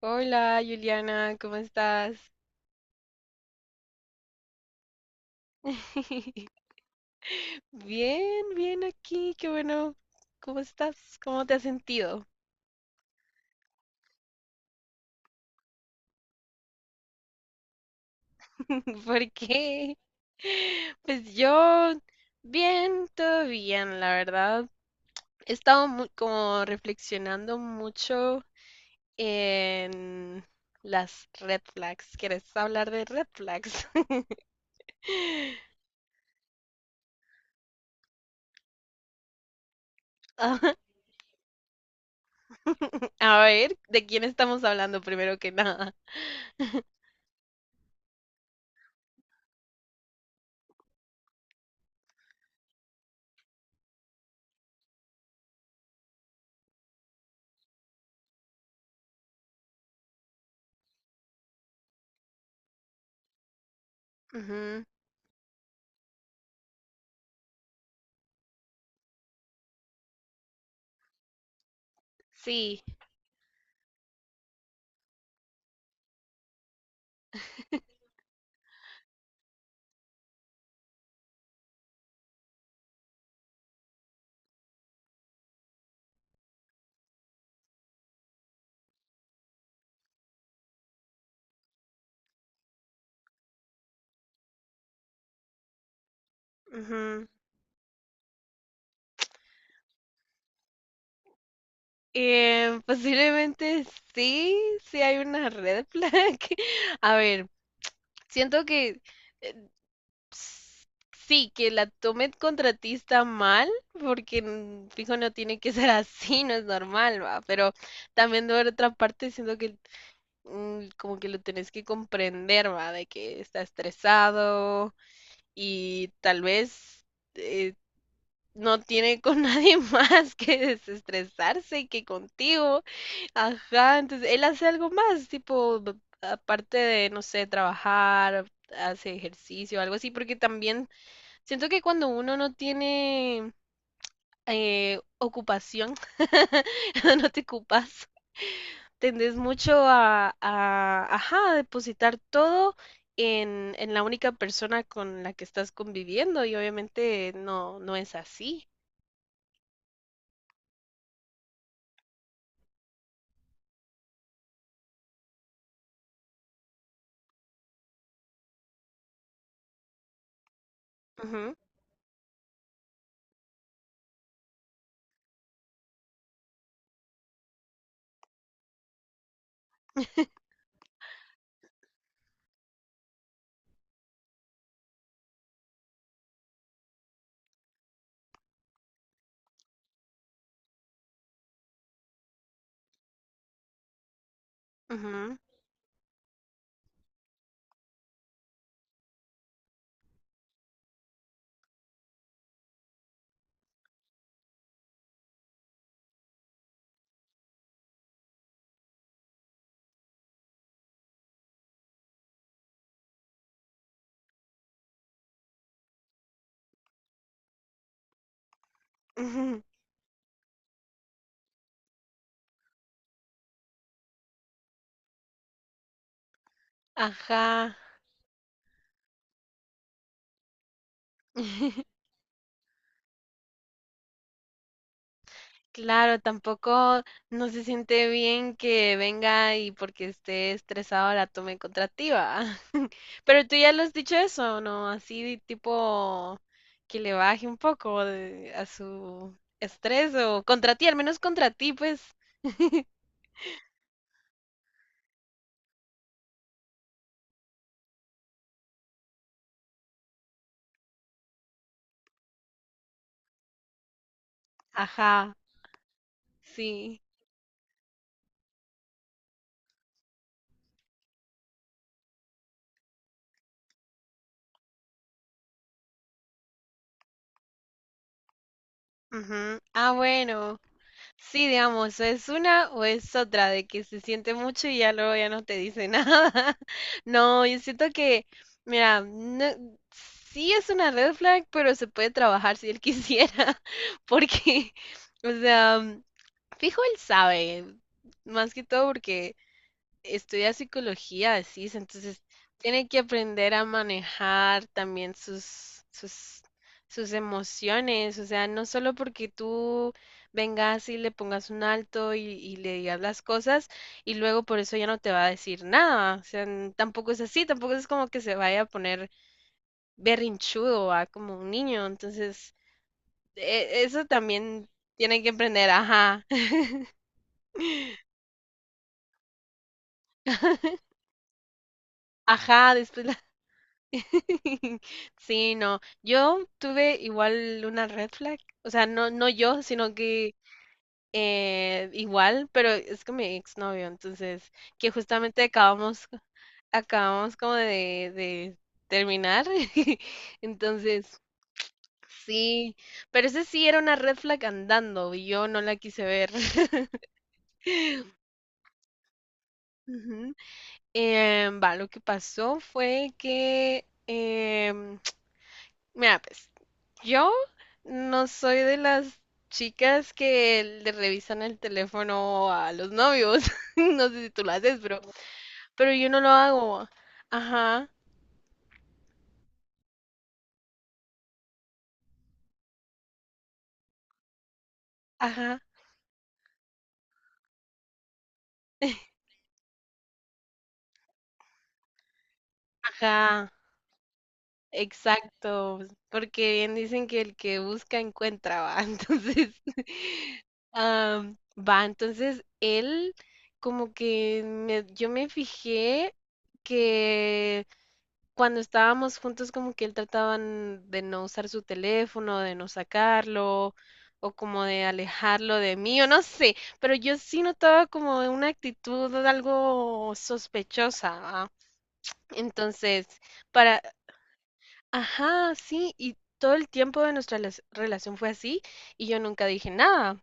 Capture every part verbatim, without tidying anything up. Hola, Juliana, ¿cómo estás? Bien, bien aquí, qué bueno. ¿Cómo estás? ¿Cómo te has sentido? ¿Por qué? Pues yo, bien, todo bien, la verdad. He estado mu- como reflexionando mucho en las red flags. ¿Quieres hablar de red flags? Ajá. A ver, ¿de quién estamos hablando primero que nada? Ujú. Sí. Ujú. Eh, posiblemente sí, sí hay una red flag. A ver, siento que eh, s- sí, que la tomen contra ti está mal, porque mm, fijo no tiene que ser así, no es normal, va. Pero también de otra parte siento que mm, como que lo tenés que comprender, va, de que está estresado y tal vez eh, no tiene con nadie más que desestresarse que contigo. Ajá, entonces él hace algo más, tipo, b- aparte de, no sé, trabajar, hace ejercicio, algo así, porque también siento que cuando uno no tiene eh, ocupación, cuando no te ocupas, tendés mucho a, a, ajá, a depositar todo en, en la única persona con la que estás conviviendo y obviamente no, no es así. Ujú, ujú, ujú. Ajá. Claro, tampoco no se siente bien que venga y porque esté estresado la tome contra ti, ¿va? Pero tú ya lo has dicho eso, ¿no? Así tipo que le baje un poco de- a su estrés o contra ti, al menos contra ti, pues. Ajá, sí. Ujú. Ah, bueno. Sí, digamos, o es una o es otra, de que se siente mucho y ya luego ya no te dice nada. No, yo siento que, mira, no- sí es una red flag, pero se puede trabajar si él quisiera, porque, o sea, fijo él sabe, más que todo porque estudia psicología, decís, entonces tiene que aprender a manejar también sus, sus, sus emociones, o sea, no solo porque tú vengas y le pongas un alto y, y le digas las cosas y luego por eso ya no te va a decir nada, o sea, n- tampoco es así, tampoco es como que se vaya a poner berrinchudo, a como un niño, entonces e- eso también tiene que aprender, ajá. Ajá, después. Sí, no. Yo tuve igual una red flag. O sea, no, no yo, sino que eh, igual, pero es que mi exnovio. Entonces, que justamente acabamos, acabamos como de, de terminar. Entonces, sí. Pero ese sí era una red flag andando y yo no la quise ver. Ujú. Em, va, lo que pasó fue que, em, mira, pues. Yo no soy de las chicas que le revisan el teléfono a los novios. No sé si tú lo haces, pero, pero yo no lo hago. Ajá, ajá, ajá. Exacto. Porque bien dicen que el que busca encuentra, va. Entonces, am, va. Entonces, él como que me- yo me fijé que cuando estábamos juntos, como que él trataba n- de no usar su teléfono, de no sacarlo, o como de alejarlo de mí, o no sé, pero yo sí notaba como una actitud algo sospechosa, ¿va? Entonces, para, ajá, sí, y todo el tiempo de nuestra las- relación fue así, y yo nunca dije nada.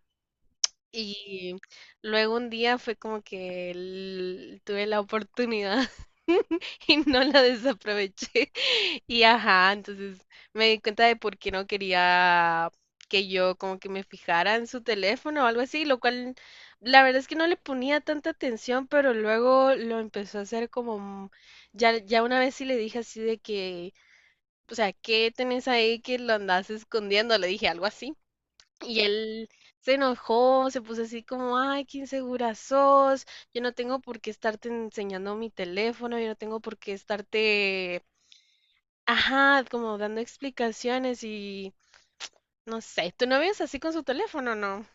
Y luego un día fue como que el- tuve la oportunidad y no la desaproveché. Y ajá, entonces me di cuenta de por qué no quería que yo como que me fijara en su teléfono o algo así, lo cual la verdad es que no le ponía tanta atención, pero luego lo empezó a hacer como mm, ya ya una vez sí le dije así de que, o sea, ¿qué tenés ahí que lo andás escondiendo? Le dije algo así. Y él se enojó, se puso así como, ay, qué insegura sos, yo no tengo por qué estarte enseñando mi teléfono, yo no tengo por qué estarte, ajá, como dando explicaciones y no sé, ¿tu novio es así con su teléfono, no?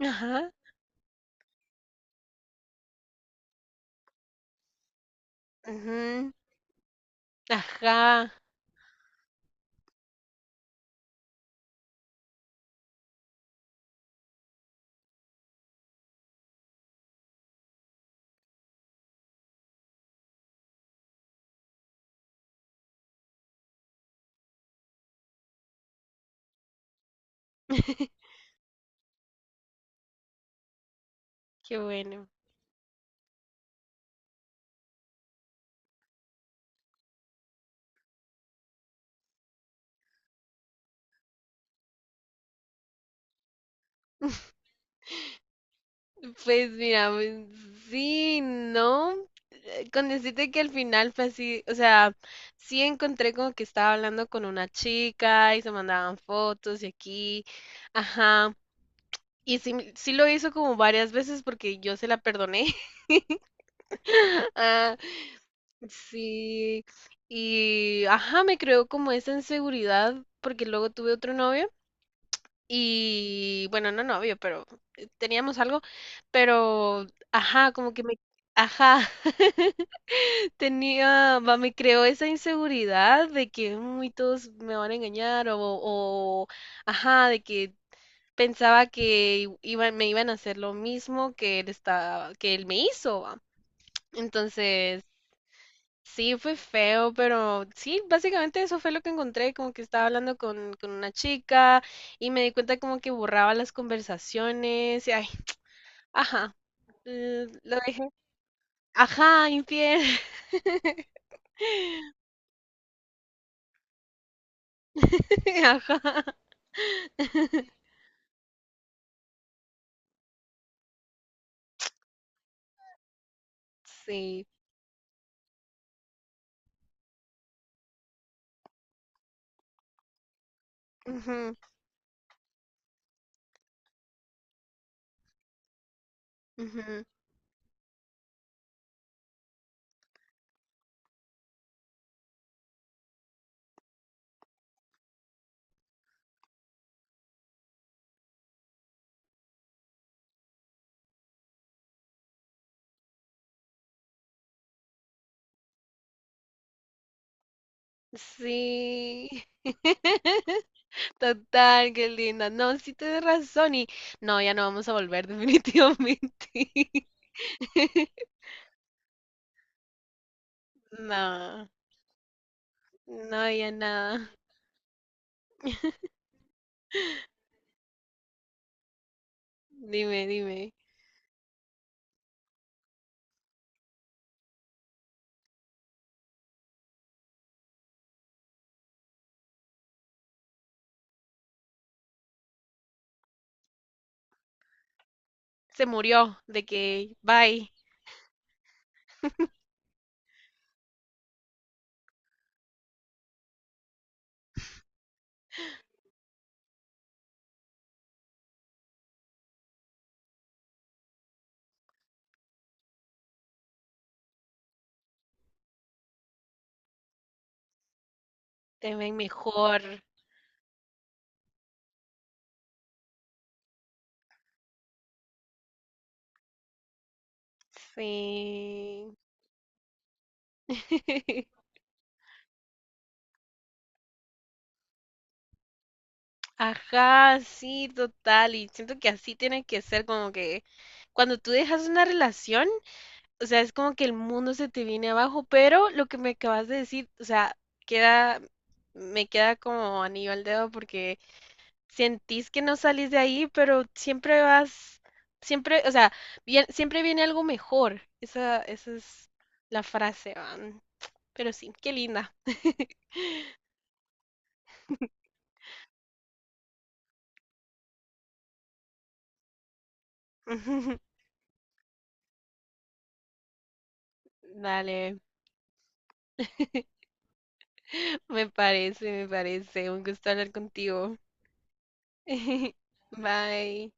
Ajá, ujú, ajá, qué bueno. Pues mira, pues, sí, no. Eh, con decirte que al final fue así, o sea, sí encontré como que estaba hablando con una chica y se mandaban fotos y aquí, ajá. Y sí, me- sí lo hizo como varias veces porque yo se la perdoné. Ah, sí. Y ajá, me creó como esa inseguridad porque luego tuve otro novio. Y bueno, no novio, pero eh, teníamos algo, pero ajá, como que me, ajá, tenía, va, me creó esa inseguridad de que muy todos me van a engañar o, o ajá, de que pensaba que i- iban- me iban a hacer lo mismo que él estaba, que él me hizo, va. Entonces, sí, fue feo, pero sí, básicamente eso fue lo que encontré, como que estaba hablando con, con una chica y me di cuenta como que borraba las conversaciones y ay, ajá, l- lo dejé, ajá, infiel, ajá, sí, ujú, ujú, sí, total, qué linda, no, sí tienes razón y no, ya no vamos a volver definitivamente, no, no, ya nada. Dime, dime. Se murió de que, bye, te ven mejor. Sí. Ajá, sí, total. Y siento que así tiene que ser como que cuando tú dejas una relación, o sea, es como que el mundo se te viene abajo, pero lo que me acabas de decir, o sea, queda, me queda como anillo al dedo porque sentís que no salís de ahí, pero siempre vas, siempre, o sea, bien- siempre viene algo mejor. Esa, esa es la frase, van. Pero sí, qué linda. Dale, me parece, me parece. Un gusto hablar contigo. Bye.